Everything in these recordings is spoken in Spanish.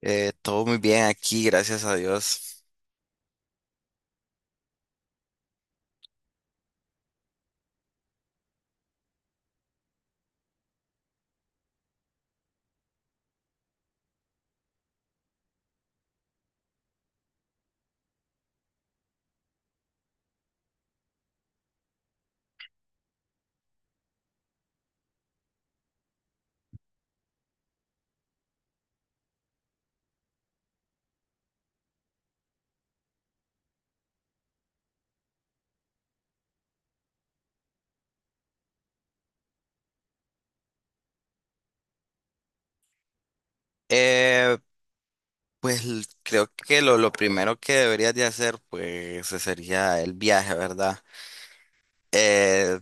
Todo muy bien aquí, gracias a Dios. Eh, pues creo que lo primero que deberías de hacer, pues, ese sería el viaje, ¿verdad? Eh,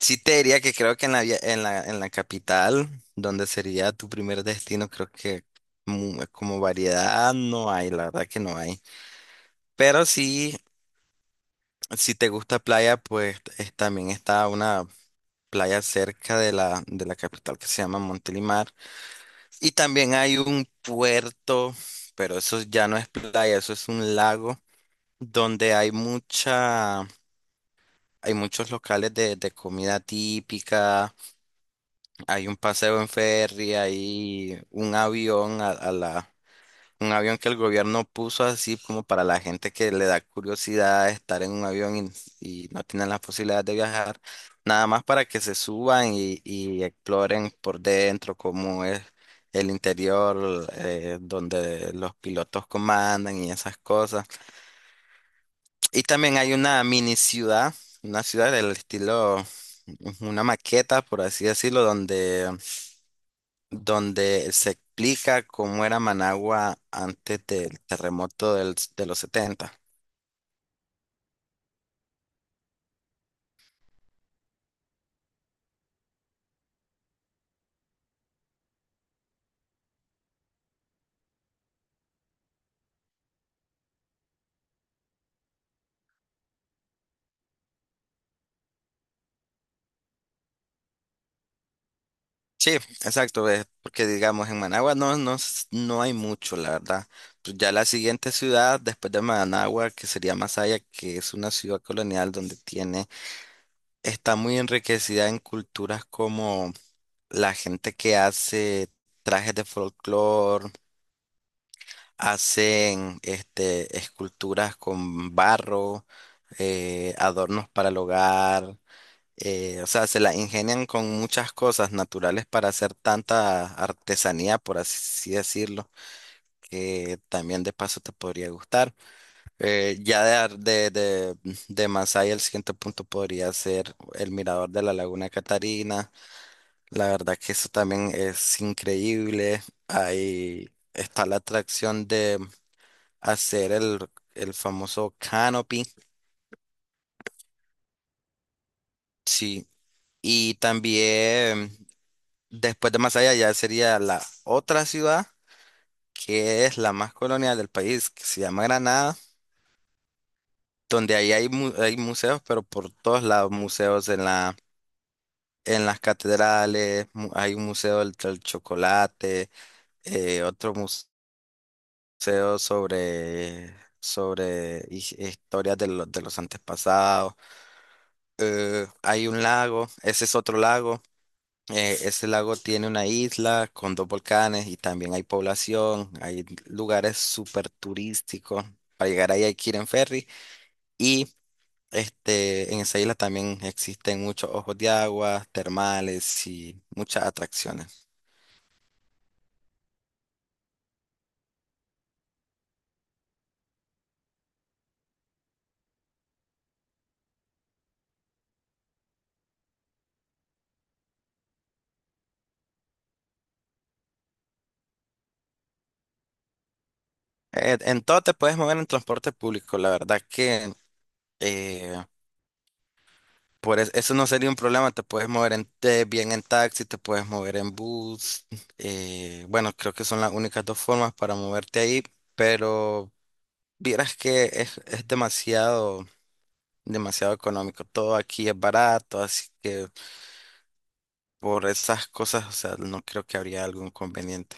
sí te diría que creo que en en la capital, donde sería tu primer destino, creo que como variedad no hay, la verdad que no hay. Pero sí, si te gusta playa, pues también está una playa cerca de la capital que se llama Montelimar. Y también hay un puerto, pero eso ya no es playa, eso es un lago donde hay mucha, hay muchos locales de comida típica, hay un paseo en ferry, hay un avión un avión que el gobierno puso así como para la gente que le da curiosidad estar en un avión y no tienen la posibilidad de viajar, nada más para que se suban y exploren por dentro cómo es el interior, donde los pilotos comandan y esas cosas. Y también hay una mini ciudad, una ciudad del estilo, una maqueta, por así decirlo, donde se explica cómo era Managua antes del terremoto de los 70. Sí, exacto, porque digamos en Managua no, no, no hay mucho, la verdad. Pues ya la siguiente ciudad después de Managua, que sería Masaya, que es una ciudad colonial donde tiene, está muy enriquecida en culturas como la gente que hace trajes de folclore. Hacen esculturas con barro, adornos para el hogar, o sea, se la ingenian con muchas cosas naturales para hacer tanta artesanía, por así decirlo, que también de paso te podría gustar. Ya de, ar- de Masaya, el siguiente punto podría ser el mirador de la Laguna Catarina. La verdad que eso también es increíble. Ahí está la atracción de hacer el famoso canopy. Sí. Y también después de Masaya ya sería la otra ciudad que es la más colonial del país, que se llama Granada, donde ahí hay museos, pero por todos lados, museos en en las catedrales, hay un museo del chocolate, otro museo sobre historias los de los antepasados, hay un lago, ese es otro lago. Ese lago tiene una isla con dos volcanes y también hay población, hay lugares súper turísticos. Para llegar ahí hay que ir en ferry y en esa isla también existen muchos ojos de agua, termales y muchas atracciones. En todo te puedes mover en transporte público, la verdad que eh, por eso no sería un problema, te puedes mover bien en taxi, te puedes mover en bus. Bueno, creo que son las únicas dos formas para moverte ahí. Pero vieras que es demasiado, demasiado económico. Todo aquí es barato, así que por esas cosas, o sea, no creo que habría algún inconveniente.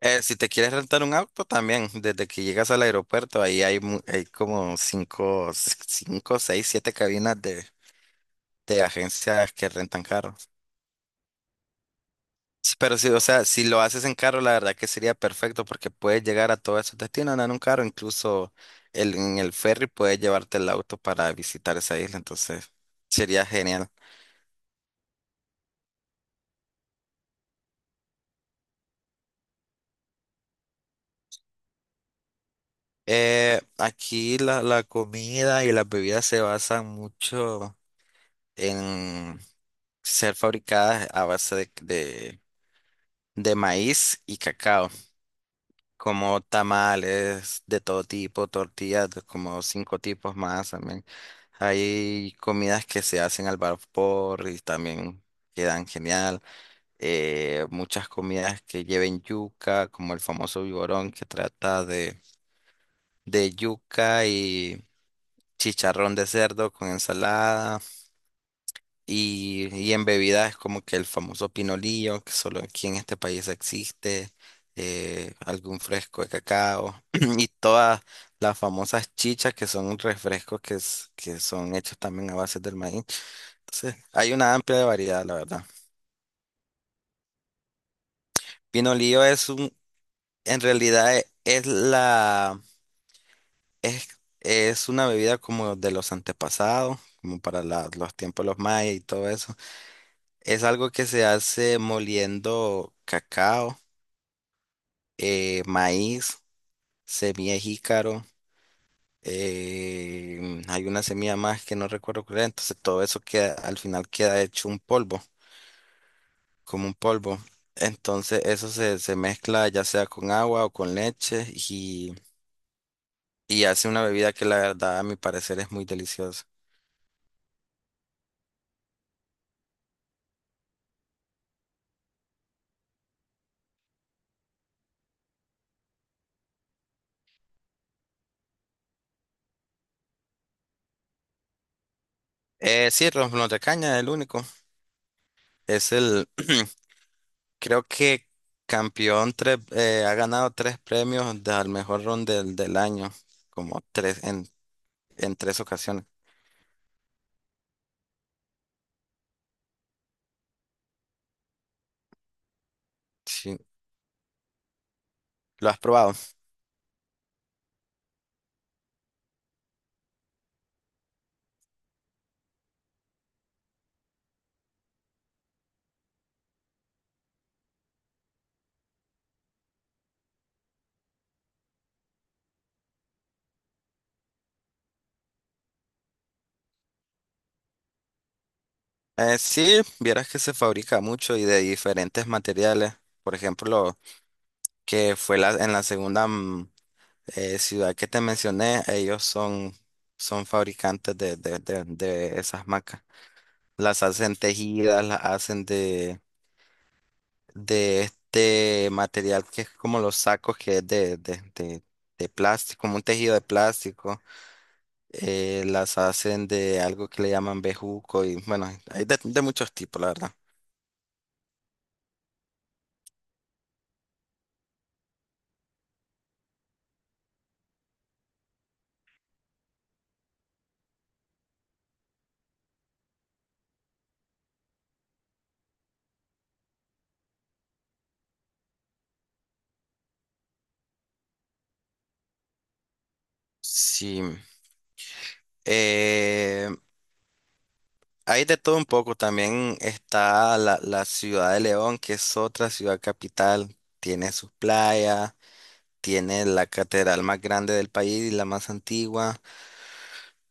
Si te quieres rentar un auto también, desde que llegas al aeropuerto, ahí hay como seis, siete cabinas de agencias que rentan carros. Sí, pero sí, o sea, si lo haces en carro, la verdad que sería perfecto porque puedes llegar a todos esos destinos andando en un carro, incluso en el ferry puedes llevarte el auto para visitar esa isla, entonces sería genial. Aquí la comida y las bebidas se basan mucho en ser fabricadas a base de maíz y cacao. Como tamales de todo tipo, tortillas, de como cinco tipos más también. Hay comidas que se hacen al vapor y también quedan genial. Muchas comidas que lleven yuca, como el famoso vigorón que trata de yuca y chicharrón de cerdo con ensalada. Y en bebidas es como que el famoso pinolillo, que solo aquí en este país existe, algún fresco de cacao y todas las famosas chichas que son refrescos que son hechos también a base del maíz. Entonces, hay una amplia variedad, la verdad. Pinolillo en realidad es, es una bebida como de los antepasados, como para los tiempos de los mayas y todo eso. Es algo que se hace moliendo cacao, maíz, semilla de jícaro, hay una semilla más que no recuerdo cuál era, entonces todo eso queda, al final queda hecho un polvo, como un polvo. Entonces eso se mezcla ya sea con agua o con leche y hace una bebida que la verdad a mi parecer es muy deliciosa. Sí, ron de caña es el único. Es el, Creo que campeón tres, ha ganado tres premios de al mejor ron del año, como tres en tres ocasiones. Sí, ¿lo has probado? Sí, vieras que se fabrica mucho y de diferentes materiales. Por ejemplo, en la segunda ciudad que te mencioné, son fabricantes de esas macas. Las hacen tejidas, las hacen de este material que es como los sacos, que es de plástico, como un tejido de plástico. Las hacen de algo que le llaman bejuco y bueno, hay de muchos tipos, la verdad. Sí, eh, hay de todo un poco. También está la ciudad de León, que es otra ciudad capital. Tiene sus playas, tiene la catedral más grande del país y la más antigua.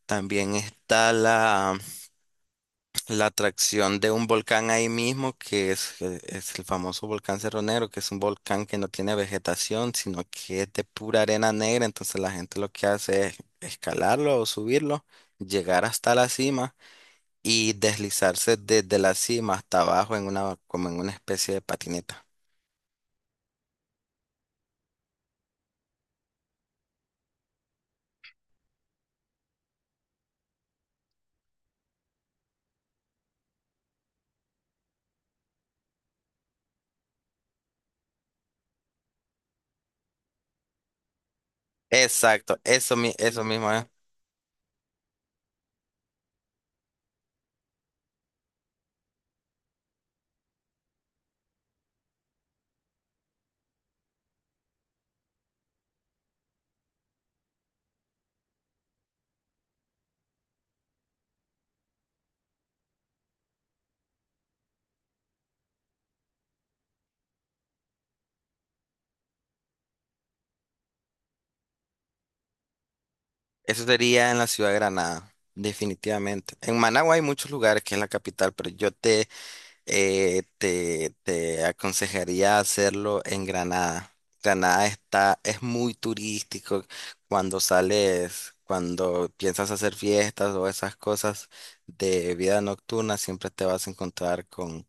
También está la atracción de un volcán ahí mismo, que es el famoso volcán Cerro Negro, que es un volcán que no tiene vegetación, sino que es de pura arena negra. Entonces la gente lo que hace es escalarlo o subirlo, llegar hasta la cima y deslizarse desde la cima hasta abajo como en una especie de patineta. Exacto, eso, eso mismo es. Eso sería en la ciudad de Granada, definitivamente. En Managua hay muchos lugares que es la capital, pero yo te aconsejaría hacerlo en Granada. Granada es muy turístico cuando sales, cuando piensas hacer fiestas o esas cosas de vida nocturna, siempre te vas a encontrar con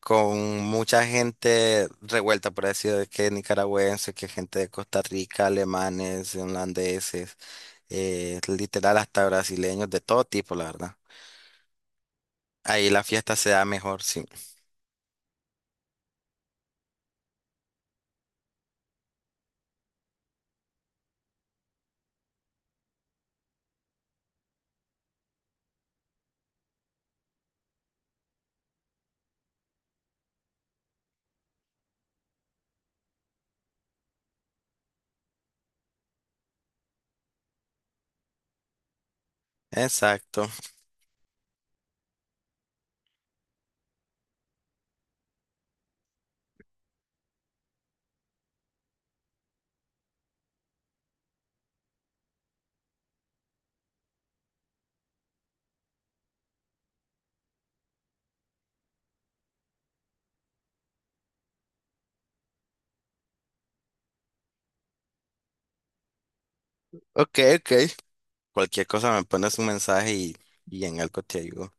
con mucha gente revuelta, por así decirlo, que nicaragüenses, que gente de Costa Rica, alemanes, holandeses, literal hasta brasileños, de todo tipo, la verdad. Ahí la fiesta se da mejor, sí. Exacto. Ok, ok. Cualquier cosa me pones un mensaje y en algo te ayudo.